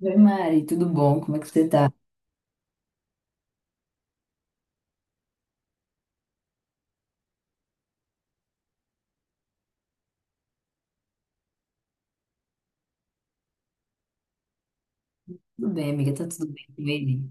Oi, Mari, tudo bom? Como é que você tá? Tudo bem, amiga? Tá tudo bem com ele?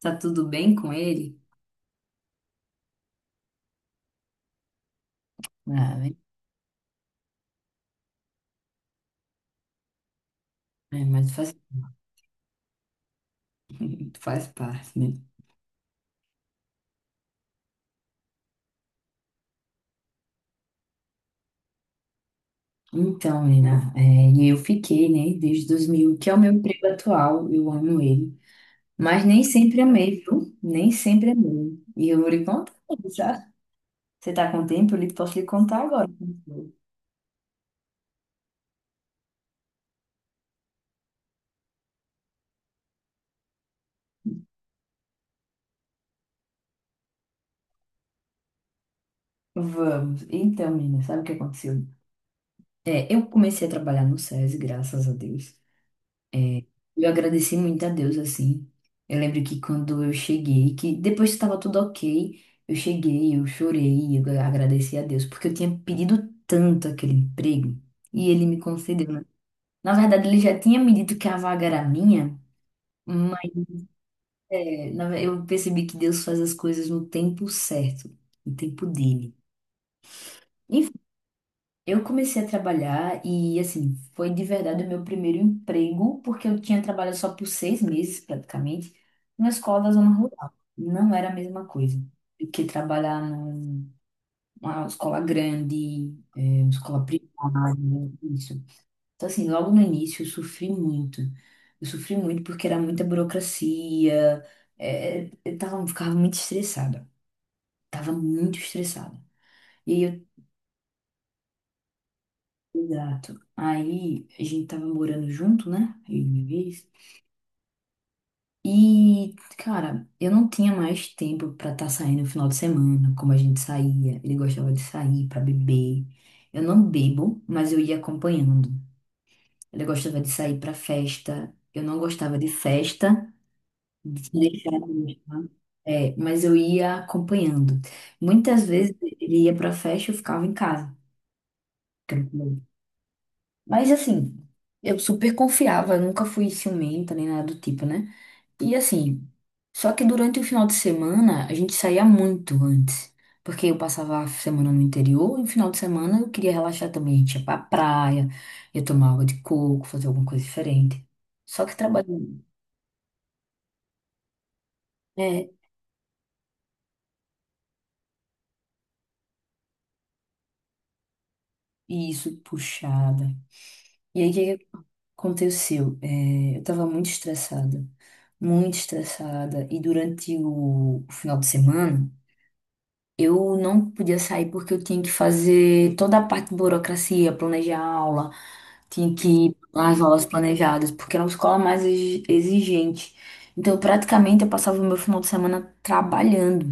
Tá tudo bem com ele? Ah, né? é, mas faz, faz parte, né? Então, menina, é, e eu fiquei, né, desde 2000, que é o meu emprego atual, eu amo ele. Mas nem sempre amei, viu? Nem sempre amei. E eu vou lhe contar, já. Você tá com tempo? Posso lhe contar agora. Vamos. Então, menina, sabe o que aconteceu? É, eu comecei a trabalhar no SESI, graças a Deus. Eu agradeci muito a Deus, assim. Eu lembro que quando eu cheguei, que depois que estava tudo ok, eu cheguei, eu chorei, eu agradeci a Deus, porque eu tinha pedido tanto aquele emprego e ele me concedeu, né? Na verdade, ele já tinha me dito que a vaga era minha, mas é, eu percebi que Deus faz as coisas no tempo certo, no tempo dele. Eu comecei a trabalhar e, assim, foi de verdade o meu primeiro emprego, porque eu tinha trabalhado só por 6 meses, praticamente, numa escola da zona rural. Não era a mesma coisa do que trabalhar numa escola grande, é, uma escola privada, isso. Então, assim, logo no início eu sofri muito. Eu sofri muito porque era muita burocracia, é, eu tava, ficava muito estressada. Tava muito estressada. E aí eu exato. Aí a gente tava morando junto, né? Eu e minha vez. E, cara, eu não tinha mais tempo pra estar saindo no final de semana, como a gente saía. Ele gostava de sair pra beber. Eu não bebo, mas eu ia acompanhando. Ele gostava de sair pra festa. Eu não gostava de festa, de se deixar gostar. É, mas eu ia acompanhando. Muitas vezes ele ia pra festa e eu ficava em casa. Mas assim, eu super confiava, eu nunca fui ciumenta nem nada do tipo, né? E assim, só que durante o final de semana a gente saía muito antes. Porque eu passava a semana no interior e no final de semana eu queria relaxar também. A gente ia pra praia, ia tomar água de coco, fazer alguma coisa diferente. Só que trabalhando. É, isso, puxada. E aí o que que aconteceu? É, eu tava muito estressada. Muito estressada. E durante o final de semana. Eu não podia sair porque eu tinha que fazer toda a parte de burocracia, planejar a aula, tinha que ir nas aulas planejadas, porque era uma escola mais exigente. Então, praticamente, eu passava o meu final de semana trabalhando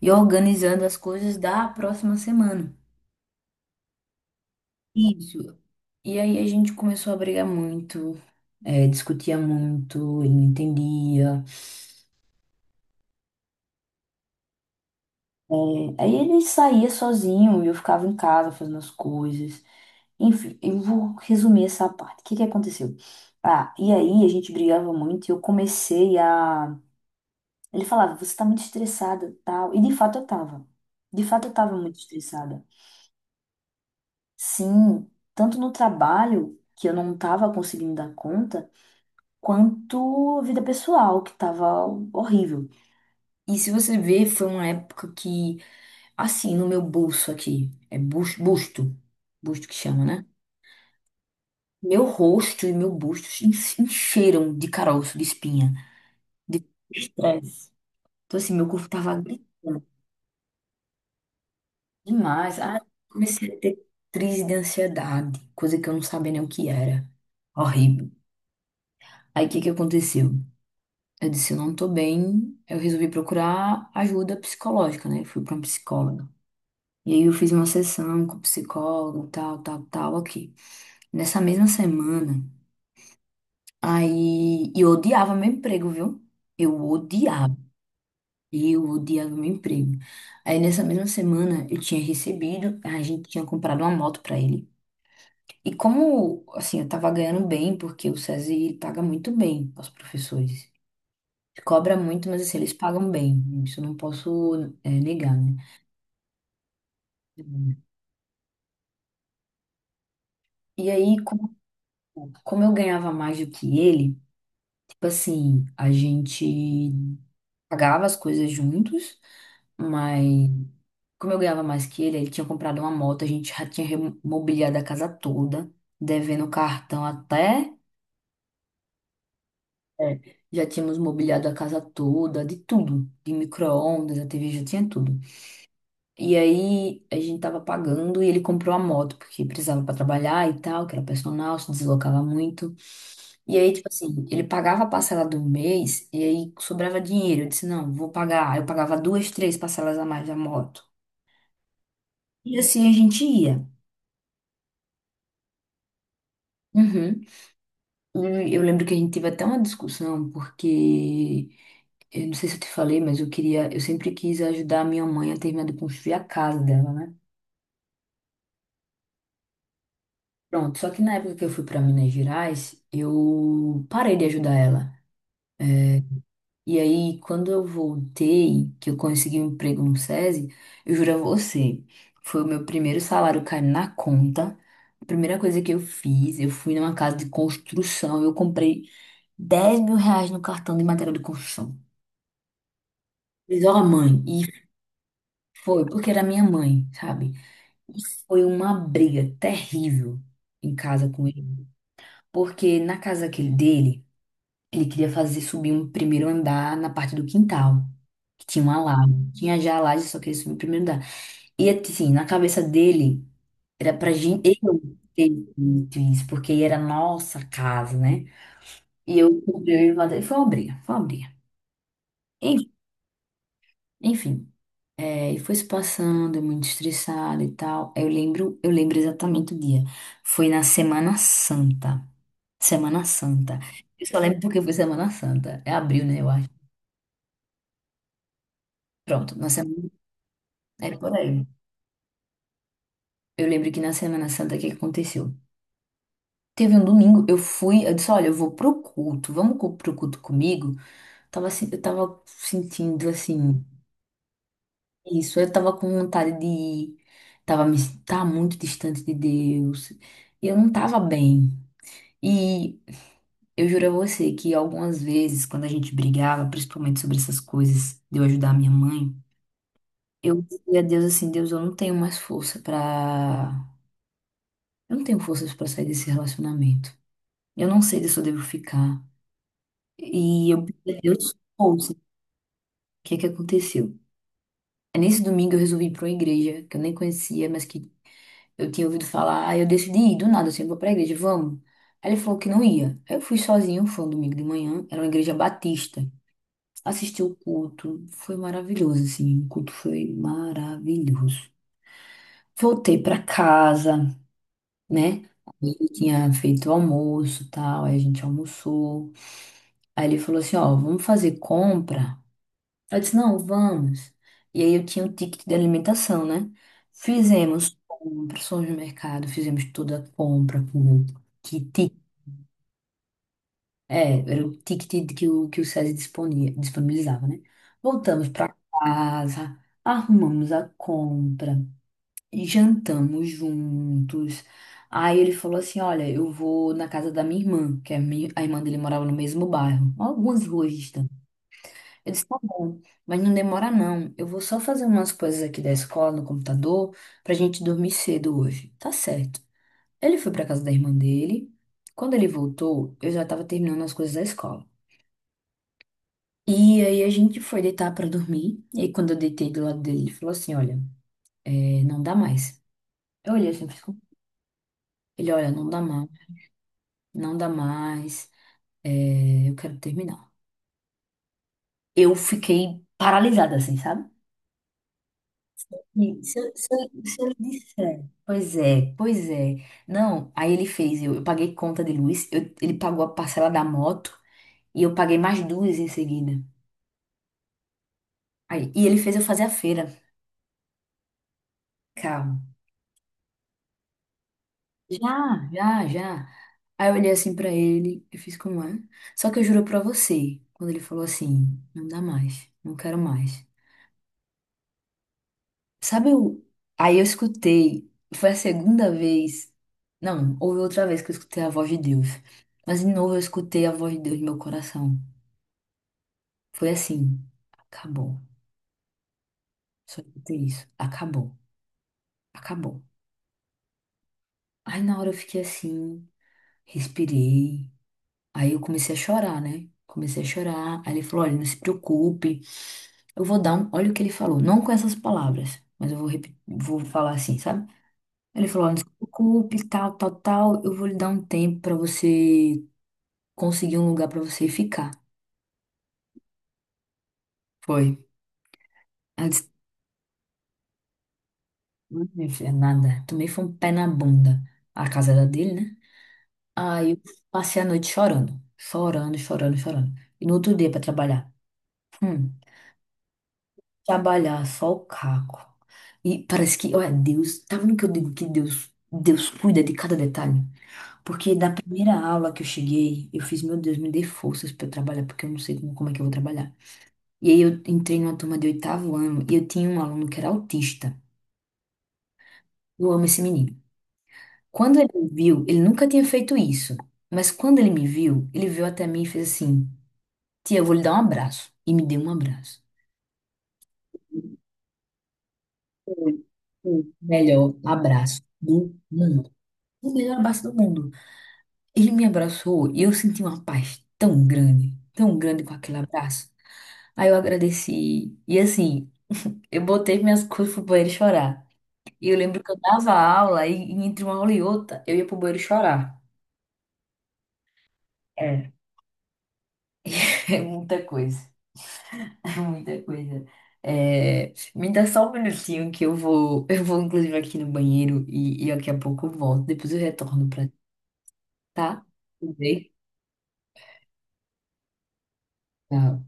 e organizando as coisas da próxima semana. Isso. E aí a gente começou a brigar muito, eh, discutia muito, ele não entendia. Eh, aí ele saía sozinho e eu ficava em casa fazendo as coisas. Enfim, eu vou resumir essa parte. O que que aconteceu? Ah, e aí a gente brigava muito e eu comecei a. Ele falava, você tá muito estressada, tal. E de fato eu tava. De fato eu tava muito estressada. Sim, tanto no trabalho, que eu não tava conseguindo dar conta, quanto a vida pessoal, que tava horrível. E se você ver, foi uma época que, assim, no meu bolso aqui, é busto, busto que chama, né? Meu rosto e meu busto se encheram de caroço, de espinha, de estresse. Então, assim, meu corpo tava gritando demais. Ah, comecei a ter crise de ansiedade, coisa que eu não sabia nem o que era. Horrível. Aí, o que que aconteceu? Eu disse, eu não tô bem. Eu resolvi procurar ajuda psicológica, né? Fui pra uma psicóloga. E aí, eu fiz uma sessão com o psicólogo, tal, tal, tal, aqui. Nessa mesma semana, aí... E eu odiava meu emprego, viu? Eu odiava. E eu odiava meu emprego. Aí nessa mesma semana eu tinha recebido, a gente tinha comprado uma moto pra ele. E como, assim, eu tava ganhando bem, porque o SESI ele paga muito bem aos professores. Cobra muito, mas assim, eles pagam bem. Isso eu não posso, é, negar, né? E aí, como, como eu ganhava mais do que ele, tipo assim, a gente pagava as coisas juntos, mas como eu ganhava mais que ele tinha comprado uma moto, a gente já tinha mobiliado a casa toda, devendo cartão até. É, já tínhamos mobiliado a casa toda, de tudo, de micro-ondas, a TV já tinha tudo. E aí a gente tava pagando e ele comprou a moto, porque precisava para trabalhar e tal, que era personal, se deslocava muito. E aí, tipo assim, ele pagava a parcela do mês e aí sobrava dinheiro. Eu disse, não, vou pagar. Aí eu pagava duas, três parcelas a mais da moto. E assim a gente ia. Uhum. E eu lembro que a gente teve até uma discussão, porque eu não sei se eu te falei, mas eu queria, eu sempre quis ajudar a minha mãe a terminar de construir a casa dela, né? Pronto, só que na época que eu fui para Minas Gerais, eu parei de ajudar ela. E aí, quando eu voltei, que eu consegui um emprego no SESI, eu juro a você, foi o meu primeiro salário cair na conta. A primeira coisa que eu fiz, eu fui numa casa de construção, eu comprei R$ 10.000 no cartão de material de construção. Diz, ó, mãe, e foi, porque era minha mãe, sabe? E foi uma briga terrível em casa com ele. Porque na casa aquele dele, ele queria fazer subir um primeiro andar na parte do quintal, que tinha uma laje. Tinha já a laje, só queria subir o primeiro andar. E assim, na cabeça dele, era pra gente. Eu ter feito isso, porque era a nossa casa, né? E eu comprei ele, foi uma briga, foi uma briga. Enfim, é, e foi se passando, eu muito estressada e tal. Aí eu lembro, eu lembro exatamente o dia. Foi na Semana Santa. Semana Santa. Eu só lembro porque foi Semana Santa. É abril, né, eu acho. Pronto, na semana, é por aí. Eu lembro que na Semana Santa o que que aconteceu? Teve um domingo, eu fui, eu disse, olha, eu vou pro culto, pro culto comigo? Tava, eu tava sentindo, assim, isso, eu tava com vontade de. Tava, me... tava muito distante de Deus. E eu não tava bem. E eu juro a você que algumas vezes, quando a gente brigava, principalmente sobre essas coisas de eu ajudar a minha mãe, eu dizia a Deus assim: Deus, eu não tenho mais força pra. Eu não tenho forças pra sair desse relacionamento. Eu não sei se eu devo ficar. E eu pedi a Deus força. O que é que aconteceu? É nesse domingo eu resolvi ir pra uma igreja que eu nem conhecia, mas que eu tinha ouvido falar, aí eu decidi ir do nada, assim, vou pra igreja, vamos. Aí ele falou que não ia. Aí eu fui sozinho, foi um domingo de manhã, era uma igreja batista. Assisti o culto, foi maravilhoso, assim, o culto foi maravilhoso. Voltei pra casa, né? Aí ele tinha feito o almoço e tal, aí a gente almoçou. Aí ele falou assim: ó, vamos fazer compra. Eu disse, não, vamos. E aí eu tinha o ticket de alimentação, né? Fizemos compras, fomos no mercado, fizemos toda a compra com o kit. É, era o ticket que o SESI disponia, disponibilizava, né? Voltamos para casa, arrumamos a compra, jantamos juntos. Aí ele falou assim, olha, eu vou na casa da minha irmã, que é a irmã dele morava no mesmo bairro, algumas ruas distantes. Eu disse, tá bom, mas não demora não. Eu vou só fazer umas coisas aqui da escola no computador pra gente dormir cedo hoje. Tá certo. Ele foi pra casa da irmã dele. Quando ele voltou, eu já tava terminando as coisas da escola. E aí a gente foi deitar pra dormir. E aí quando eu deitei do lado dele, ele falou assim, olha, é, não dá mais. Eu olhei assim, ele, olha, não dá mais, não dá mais, é, eu quero terminar. Eu fiquei paralisada assim, sabe? E se eu lhe disser, pois é, pois é. Não, aí ele fez, eu paguei conta de luz, eu- ele pagou a parcela da moto e eu paguei mais duas em seguida. Aí, e ele fez eu fazer a feira. Calma. Já, já, já. Aí eu olhei assim pra ele, eu fiz como é. Só que eu juro pra você, quando ele falou assim, não dá mais, não quero mais. Sabe, eu... aí eu escutei, foi a segunda vez, não, houve outra vez que eu escutei a voz de Deus, mas de novo eu escutei a voz de Deus no meu coração. Foi assim, acabou, só escutei isso, acabou, acabou. Aí na hora eu fiquei assim, respirei, aí eu comecei a chorar, né? Comecei a chorar, aí ele falou, olha, não se preocupe, eu vou dar um, olha o que ele falou, não com essas palavras, mas eu vou, vou falar assim, sabe? Ele falou, "Olha, não se preocupe, tal, tal, tal, eu vou lhe dar um tempo pra você conseguir um lugar pra você ficar. Foi. Ela disse, "Não, minha filha, é nada. Tomei foi um pé na bunda. A casa era dele, né? Aí eu passei a noite chorando, chorando, chorando, chorando. E no outro dia pra trabalhar. Hum, trabalhar só o caco. E parece que, olha, Deus, tá vendo que eu digo que Deus, Deus cuida de cada detalhe? Porque da primeira aula que eu cheguei, eu fiz, meu Deus, me dê forças pra eu trabalhar, porque eu não sei como é que eu vou trabalhar. E aí eu entrei numa turma de oitavo ano e eu tinha um aluno que era autista. Eu amo esse menino. Quando ele me viu, ele nunca tinha feito isso. Mas quando ele me viu, ele veio até mim e fez assim: tia, eu vou lhe dar um abraço. E me deu um abraço. Foi o melhor abraço do mundo. O melhor abraço do mundo. Ele me abraçou e eu senti uma paz tão grande com aquele abraço. Aí eu agradeci. E assim, eu botei minhas coisas pro banheiro chorar. E eu lembro que eu dava aula e, entre uma aula e outra eu ia pro banheiro chorar. É, é muita coisa. É muita coisa. É, me dá só um minutinho que eu vou, eu vou inclusive aqui no banheiro e, daqui a pouco eu volto. Depois eu retorno pra, tá? Tudo bem? Tchau.